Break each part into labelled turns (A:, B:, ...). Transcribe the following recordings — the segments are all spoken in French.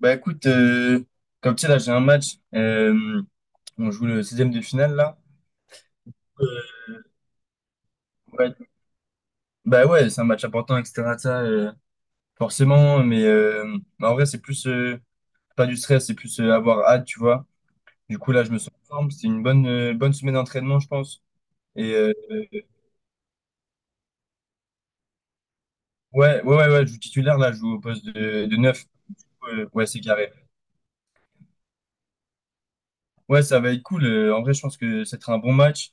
A: Bah écoute, comme tu sais, là j'ai un match, on joue le 16 de finale là. Euh, ouais. Bah ouais, c'est un match important, etc. de ça, forcément, mais bah, en vrai c'est plus pas du stress, c'est plus avoir hâte, tu vois. Du coup là je me sens en forme, c'était une bonne semaine d'entraînement je pense. Et euh, ouais, ouais, ouais, ouais, je joue titulaire là, je joue au poste de neuf. Ouais, ouais, c'est carré. Ouais, ça va être cool. En vrai je pense que ça sera un bon match.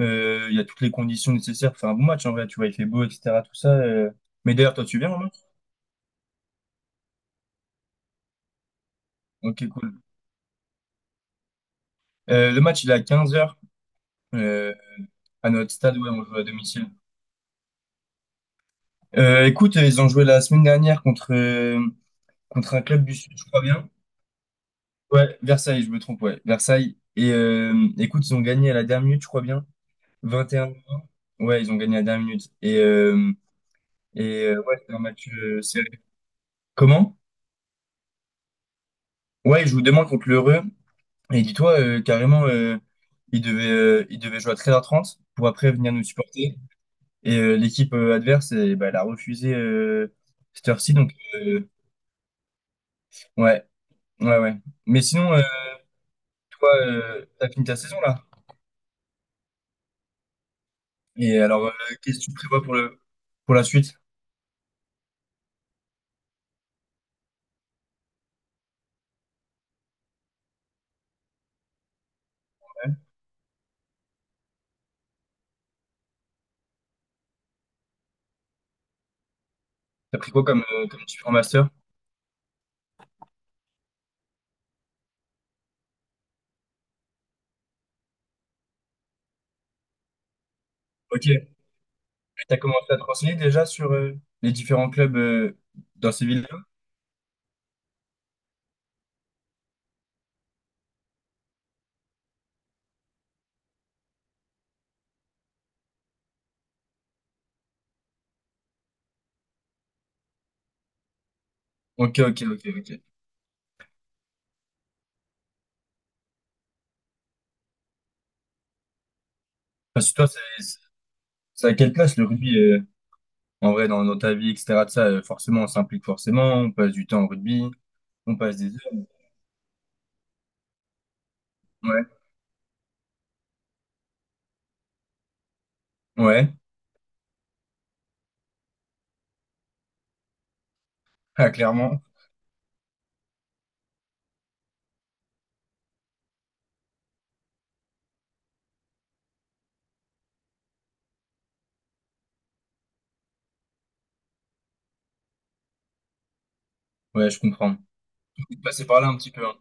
A: Il y a toutes les conditions nécessaires pour faire un bon match en vrai, tu vois, il fait beau, etc. Tout ça. Mais d'ailleurs, toi, tu viens au match? Ok, cool. Le match, il est à 15h à notre stade, ouais, on joue à domicile. Écoute, ils ont joué la semaine dernière contre un club du Sud, je crois bien. Ouais, Versailles, je me trompe, ouais, Versailles. Et écoute, ils ont gagné à la dernière minute, je crois bien. 21. Ouais, ils ont gagné à la dernière minute. Et, ouais, c'est un match serré. Comment? Ouais, ils jouent demain contre l'Heureux. Et dis-toi, carrément, il devait jouer à 13h30 pour après venir nous supporter. Et l'équipe adverse, eh ben, elle a refusé cette heure-ci. Donc, ouais, ouais, ouais. Mais sinon, toi, t'as fini ta saison là. Et alors, qu'est-ce que tu prévois pour la suite? T'as pris quoi comme différents masters? Ok. T'as commencé à te renseigner déjà sur les différents clubs dans ces villes-là? Ok, ok, ok, ok. Parce que toi, c'est à quelle place le rugby? En vrai, dans ta vie, etc., de ça, forcément, on s'implique forcément, on passe du temps au rugby, on passe des heures. Ouais, ouais, ah, clairement. Ouais, je comprends. Faut passer par là un petit peu. Hein.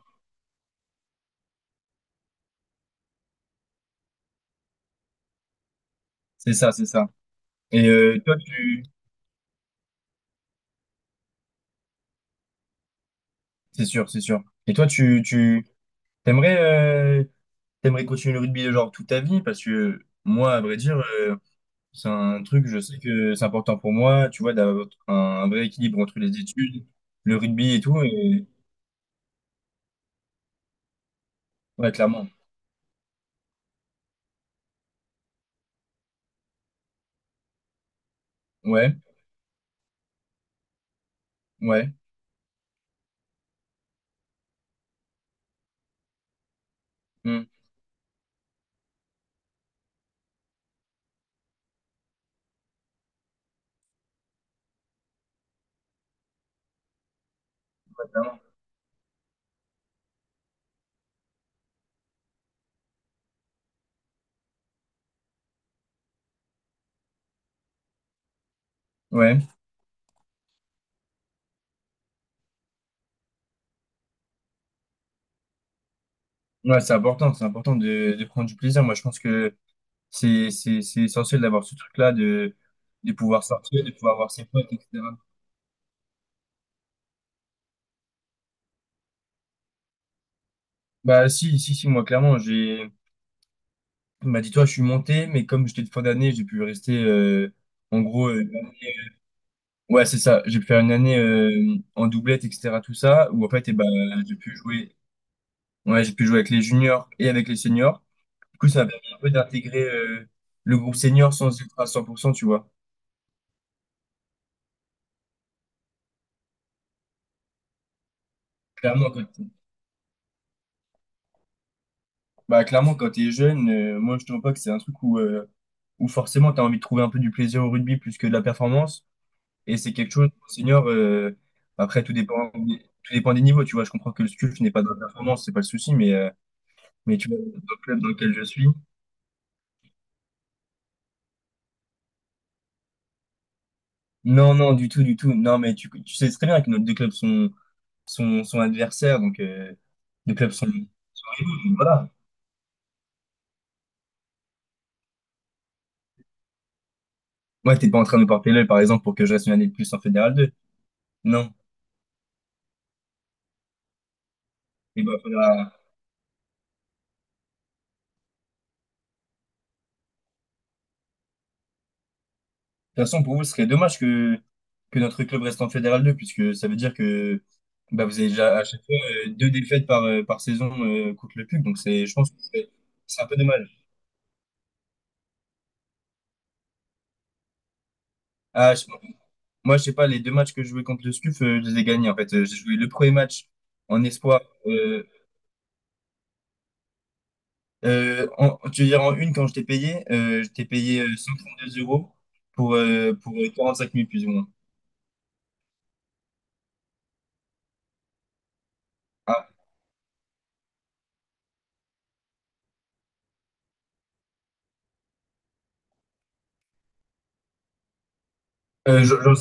A: C'est ça, c'est ça. Et toi, tu... C'est sûr, c'est sûr. Et toi, tu... T'aimerais, euh, t'aimerais continuer le rugby, genre, toute ta vie? Parce que moi, à vrai dire, c'est un truc, je sais que c'est important pour moi, tu vois, d'avoir un vrai équilibre entre les études, le rugby et tout. Et... Ouais, clairement. Ouais, ouais. Hmm, clairement. Ouais. Ouais, c'est important de prendre du plaisir. Moi, je pense que c'est essentiel d'avoir ce truc-là, de pouvoir sortir, de pouvoir voir ses potes, etc. Bah, si, si, si, moi, clairement, j'ai, bah, dis-toi, je suis monté, mais comme j'étais de fin d'année, j'ai pu rester, en gros, une année- ouais, c'est ça, j'ai pu faire une année, en doublette, etc., tout ça, où en fait, eh ben, j'ai pu jouer, ouais, j'ai pu jouer avec les juniors et avec les seniors. Du coup, ça m'a permis un peu d'intégrer, le groupe senior sans être à 100% tu vois. Clairement, bah, clairement, quand t'es jeune, moi, je trouve pas que c'est un truc où forcément t'as envie de trouver un peu du plaisir au rugby plus que de la performance. Et c'est quelque chose, senior, après, tout dépend des niveaux, tu vois. Je comprends que le SCUF n'est pas de la performance, c'est pas le souci, mais tu vois, dans le club dans lequel je suis. Non, non, du tout, du tout. Non, mais tu sais très bien que nos deux clubs sont adversaires, donc, nos clubs sont rivaux, donc voilà. Moi, t'es pas en train de me porter l'œil, par exemple, pour que je reste une année de plus en Fédéral 2. Non. Et bah, faudra, toute façon, pour vous, ce serait dommage que notre club reste en Fédéral 2, puisque ça veut dire que bah, vous avez déjà à chaque fois deux défaites par saison contre le PUC. Donc, c'est, je pense que c'est un peu dommage. Ah, moi, je sais pas, les deux matchs que je jouais contre le SCUF, je les ai gagnés. En fait, j'ai joué le premier match en espoir. Euh, en, tu veux dire, en une, quand je t'ai payé 132 € pour 45 minutes, plus ou moins. Ah, j'en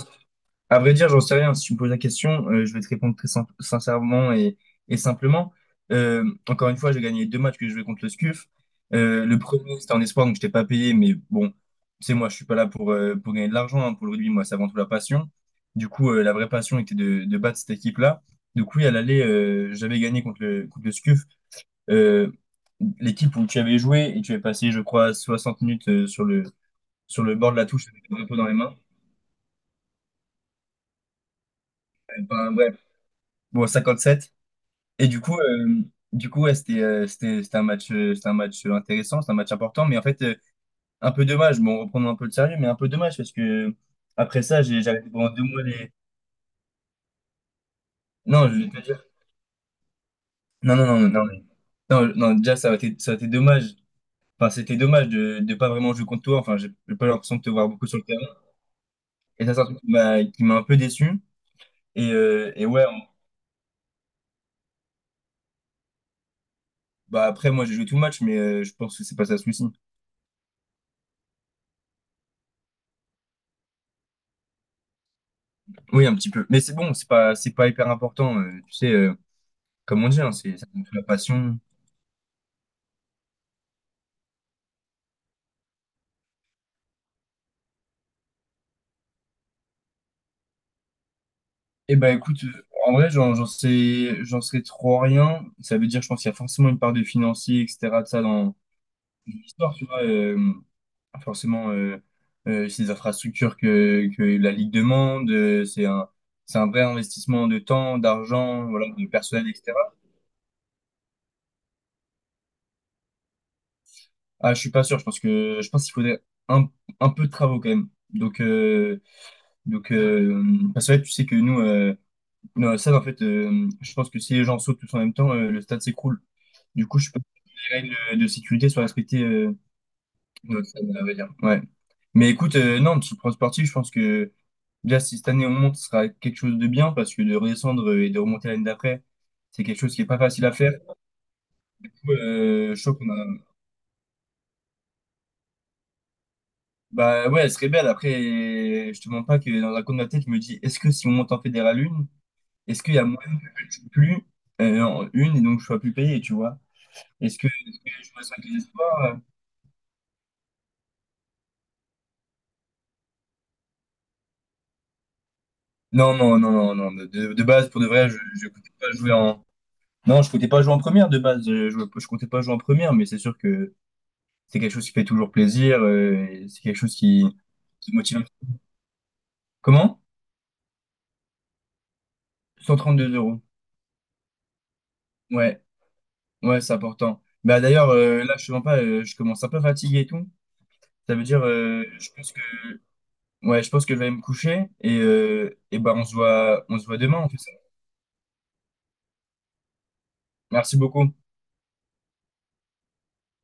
A: à vrai dire, j'en sais rien. Si tu me poses la question, je vais te répondre très sincèrement et simplement. Euh, encore une fois, j'ai gagné les deux matchs que je jouais contre le SCUF. Le premier, c'était en espoir, donc je t'ai pas payé, mais bon, tu sais, moi, je suis pas là pour, gagner de l'argent. Hein. Pour le rugby, moi, c'est avant tout la passion. Du coup, la vraie passion était de battre cette équipe-là. Du coup, elle allait, j'avais gagné contre le SCUF, euh, l'équipe où tu avais joué et tu avais passé, je crois, 60 minutes sur le bord de la touche avec le drapeau dans les mains. Enfin, bref, bon, 57. Et du coup, ouais, c'était c'était un match intéressant, c'est un match important, mais en fait, un peu dommage. Bon, reprenons un peu le sérieux, mais un peu dommage parce que après ça, j'arrêté pendant 2 mois les. Non, je vais te dire. Non, non, non, non, non, non, non, déjà, ça a été dommage. Enfin, c'était dommage de pas vraiment jouer contre toi. Enfin, j'ai pas l'impression de te voir beaucoup sur le terrain. Et ça, c'est un truc qui m'a un peu déçu. Et ouais, on- bah après, moi, j'ai joué tout le match, mais je pense que c'est pas ça le souci. Oui, un petit peu. Mais c'est bon, c'est pas hyper important. Tu sais, comme on dit, hein, c'est ça nous fait la passion. Eh ben écoute, en vrai, j'en sais trop rien. Ça veut dire, je pense qu'il y a forcément une part de financier, etc. de ça dans l'histoire, tu vois. Forcément, ces infrastructures que la Ligue demande, c'est un vrai investissement de temps, d'argent, voilà, de personnel, etc. Ah, je suis pas sûr. Je pense que je pense qu'il faudrait un, peu de travaux quand même. Donc, donc euh, parce que ouais, tu sais que nous, non, ça, en fait, je pense que si les gens sautent tous en même temps, le stade s'écroule. Du coup, je pense que les règles de sécurité sont respectées dans le stade, à vrai dire. Ouais. Mais écoute, non, sur le plan sportif, je pense que déjà, si cette année on monte, ce sera quelque chose de bien parce que de redescendre et de remonter l'année d'après, c'est quelque chose qui est pas facile à faire. Du coup, je trouve qu'on a. Bah ouais, elle serait belle. Après, je te mens pas que dans un coin de ma tête, je me dis, est-ce que si on monte en fédéral une, est-ce qu'il y a moyen que je joue plus en une et donc je sois plus payé, tu vois? Est-ce que je vois ça avec les espoirs? Non, non, non, non, non. De base, pour de vrai, je comptais pas jouer en. Non, je comptais pas jouer en première de base. Je comptais pas jouer en première, mais c'est sûr que c'est quelque chose qui fait toujours plaisir. Et c'est quelque chose qui motive. Un petit peu. Comment? 132 euros. Ouais, ouais, c'est important. Bah d'ailleurs, là, je te mens pas, je commence un peu fatigué et tout. Ça veut dire, je pense que je vais aller me coucher et bah on se voit demain, on fait ça. Merci beaucoup.